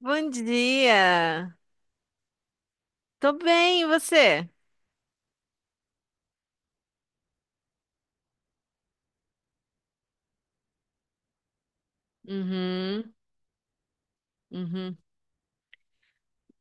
Bom dia. Tô bem, e você? Uhum, uhum.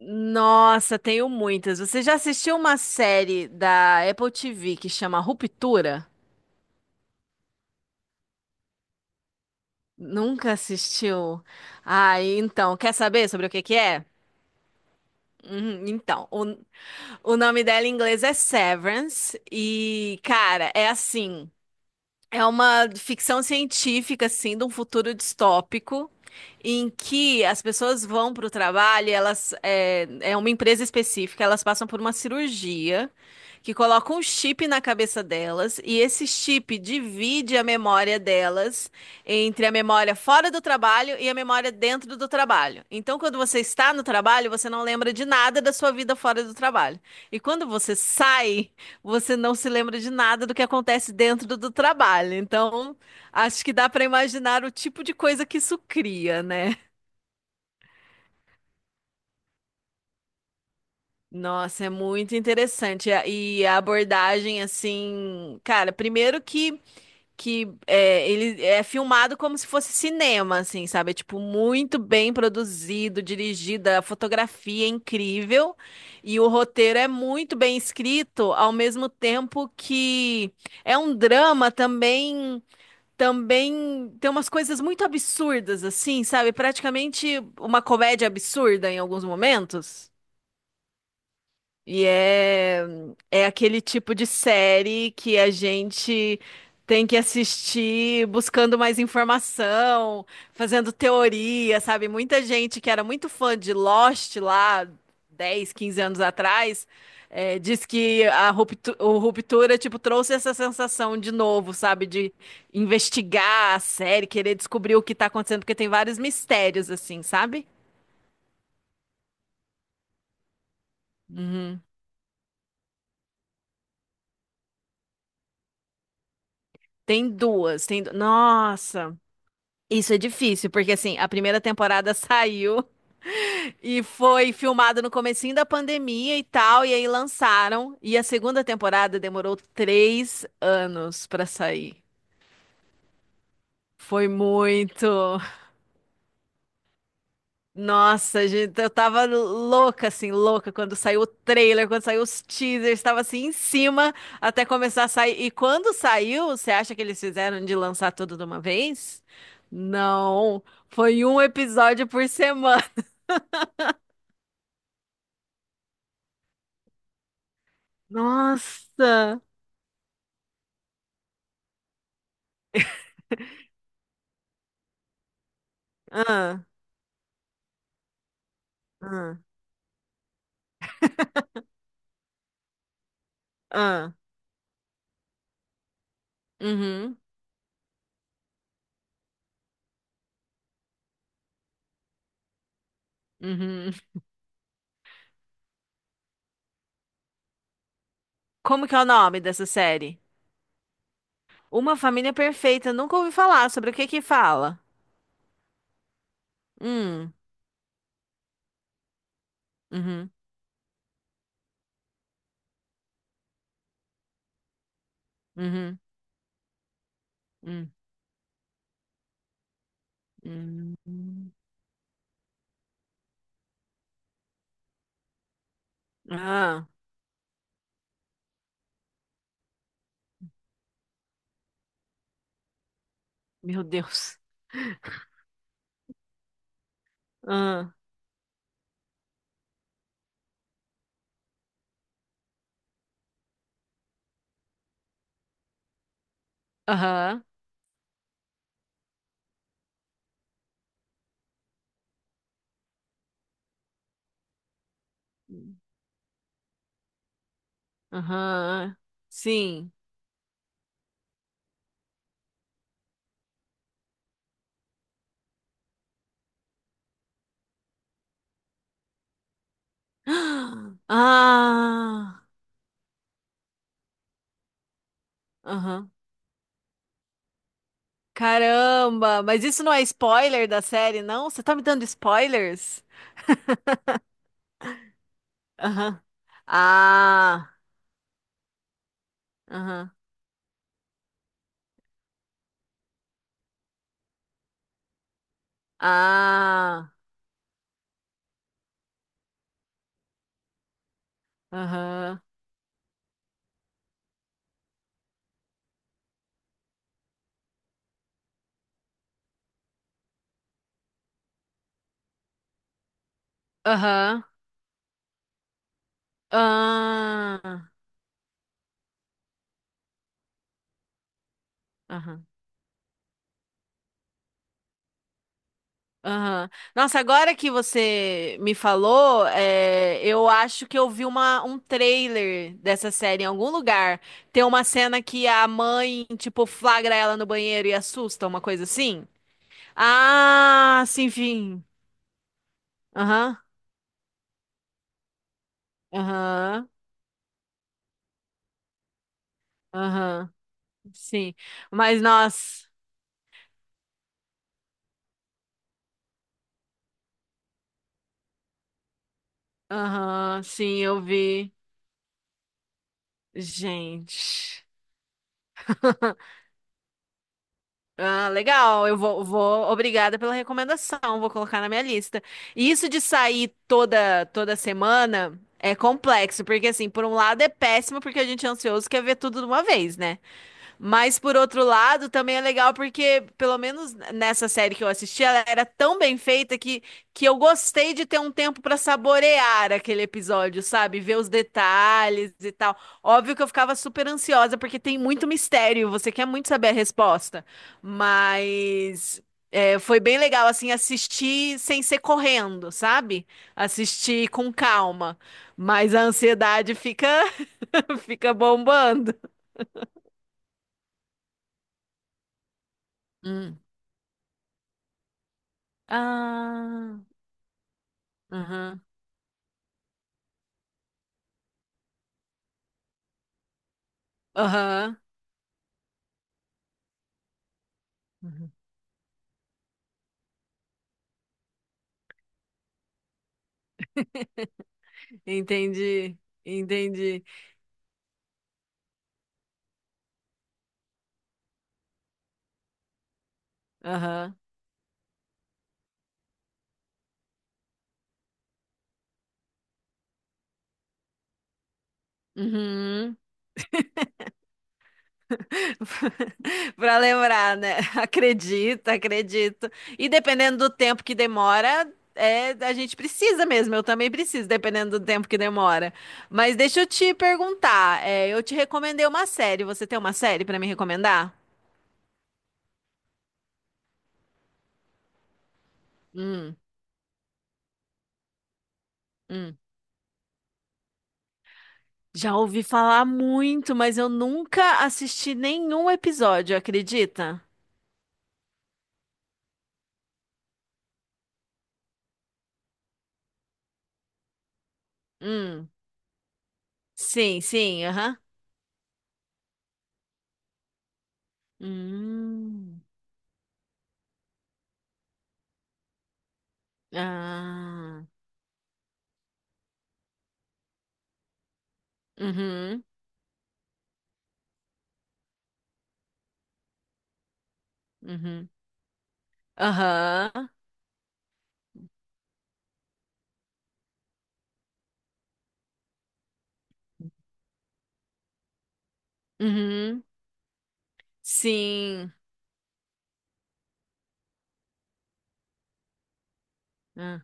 Nossa, tenho muitas. Você já assistiu uma série da Apple TV que chama Ruptura? Nunca assistiu? Ah, então, quer saber sobre o que que é? Uhum. Então, o nome dela em inglês é Severance e, cara, é assim. É uma ficção científica, assim, de um futuro distópico, em que as pessoas vão para o trabalho, e elas é uma empresa específica, elas passam por uma cirurgia que coloca um chip na cabeça delas, e esse chip divide a memória delas entre a memória fora do trabalho e a memória dentro do trabalho. Então, quando você está no trabalho, você não lembra de nada da sua vida fora do trabalho. E quando você sai você não se lembra de nada do que acontece dentro do trabalho. Então, acho que dá para imaginar o tipo de coisa que isso cria, né? Nossa, é muito interessante. E a abordagem, assim, cara, primeiro que. Que é, ele é filmado como se fosse cinema, assim, sabe? É, tipo, muito bem produzido, dirigida, a fotografia é incrível e o roteiro é muito bem escrito, ao mesmo tempo que é um drama também tem umas coisas muito absurdas, assim, sabe? Praticamente uma comédia absurda em alguns momentos. E é, é aquele tipo de série que a gente tem que assistir buscando mais informação, fazendo teoria, sabe? Muita gente que era muito fã de Lost lá 10 15 anos atrás, diz que o Ruptura, tipo, trouxe essa sensação de novo, sabe? De investigar a série, querer descobrir o que tá acontecendo, porque tem vários mistérios, assim, sabe? Uhum. Tem duas, Nossa! Isso é difícil, porque assim, a primeira temporada saiu e foi filmada no comecinho da pandemia e tal, e aí lançaram. E a segunda temporada demorou 3 anos pra sair. Foi muito. Nossa, gente, eu tava louca, assim, louca quando saiu o trailer, quando saiu os teasers, tava assim em cima até começar a sair. E quando saiu, você acha que eles fizeram de lançar tudo de uma vez? Não, foi um episódio por semana. Nossa! Ah, ah, ah. Uhum, uhum. Como que é o nome dessa série? Uma Família Perfeita. Nunca ouvi falar sobre o que que fala. Hum, uhum, uhum, hum, hum. Ah, meu Deus. Ah, aham, aham. Sim. Ah, aham. Caramba, mas isso não é spoiler da série, não? Você tá me dando spoilers? Aham. Ah. Aham. Ah, aham. Aham. Ah, aham. Aham. Nossa, agora que você me falou, é, eu acho que eu vi um trailer dessa série em algum lugar. Tem uma cena que a mãe, tipo, flagra ela no banheiro e assusta, uma coisa assim. Ah, sim, sim. Aham, aham, aham. Sim. Mas, nossa. Aham, sim, eu vi. Gente. Ah, legal. Eu vou, vou. Obrigada pela recomendação. Vou colocar na minha lista. E isso de sair toda semana é complexo, porque assim, por um lado é péssimo porque a gente é ansioso e quer ver tudo de uma vez, né? Mas por outro lado, também é legal porque, pelo menos nessa série que eu assisti, ela era tão bem feita que eu gostei de ter um tempo para saborear aquele episódio, sabe? Ver os detalhes e tal. Óbvio que eu ficava super ansiosa porque tem muito mistério, você quer muito saber a resposta. Mas é, foi bem legal, assim, assistir sem ser correndo, sabe? Assistir com calma. Mas a ansiedade fica, fica bombando. Hum. Ah, aham, aham. Uhum. Entendi, entendi. Aham. Uhum. Para lembrar, né? Acredito, acredito. E dependendo do tempo que demora, é, a gente precisa mesmo. Eu também preciso, dependendo do tempo que demora. Mas deixa eu te perguntar. É, eu te recomendei uma série. Você tem uma série para me recomendar? Hum, hum. Já ouvi falar muito, mas eu nunca assisti nenhum episódio, acredita? Hum, sim, sim, aham. Hum, ah, uhum, uhum, aham, uhum, sim, ah,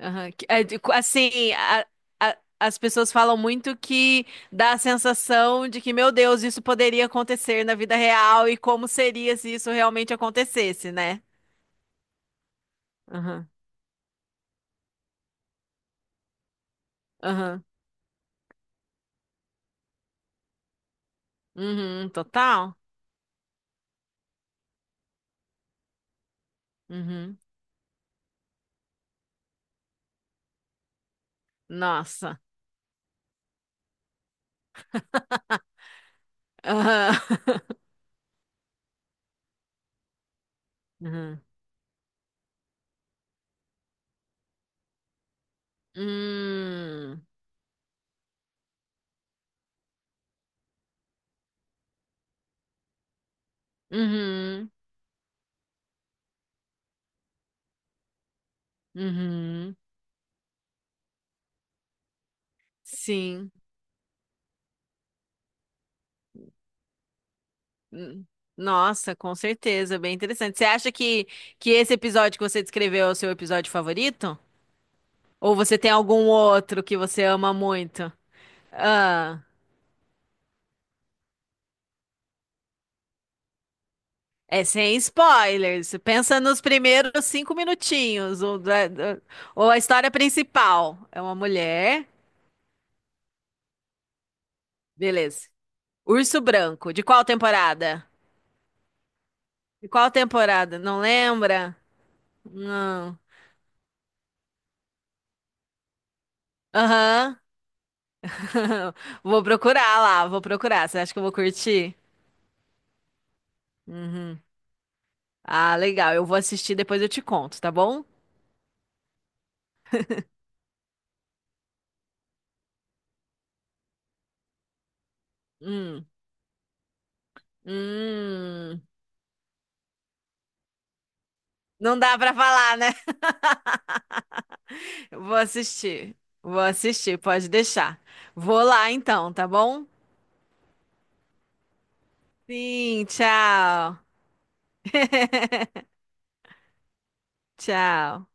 aham. Assim, as pessoas falam muito que dá a sensação de que, meu Deus, isso poderia acontecer na vida real e como seria se isso realmente acontecesse, né? Aham, aham, uhum, total. Uhum. Nossa. Aham. Uhum. Hum. Uhum. Uhum. Sim. Hum. Nossa, com certeza, bem interessante. Você acha que esse episódio que você descreveu é o seu episódio favorito? Ou você tem algum outro que você ama muito? Ah, é sem spoilers. Pensa nos primeiros 5 minutinhos. Ou a história principal. É uma mulher. Beleza. Urso Branco. De qual temporada? De qual temporada? Não lembra? Não. Aham. Vou procurar lá, vou procurar. Você acha que eu vou curtir? Uhum. Ah, legal. Eu vou assistir, depois eu te conto, tá bom? Hum. Hum. Não dá pra falar, né? Vou assistir. Vou assistir, pode deixar. Vou lá então, tá bom? Sim, tchau. Tchau.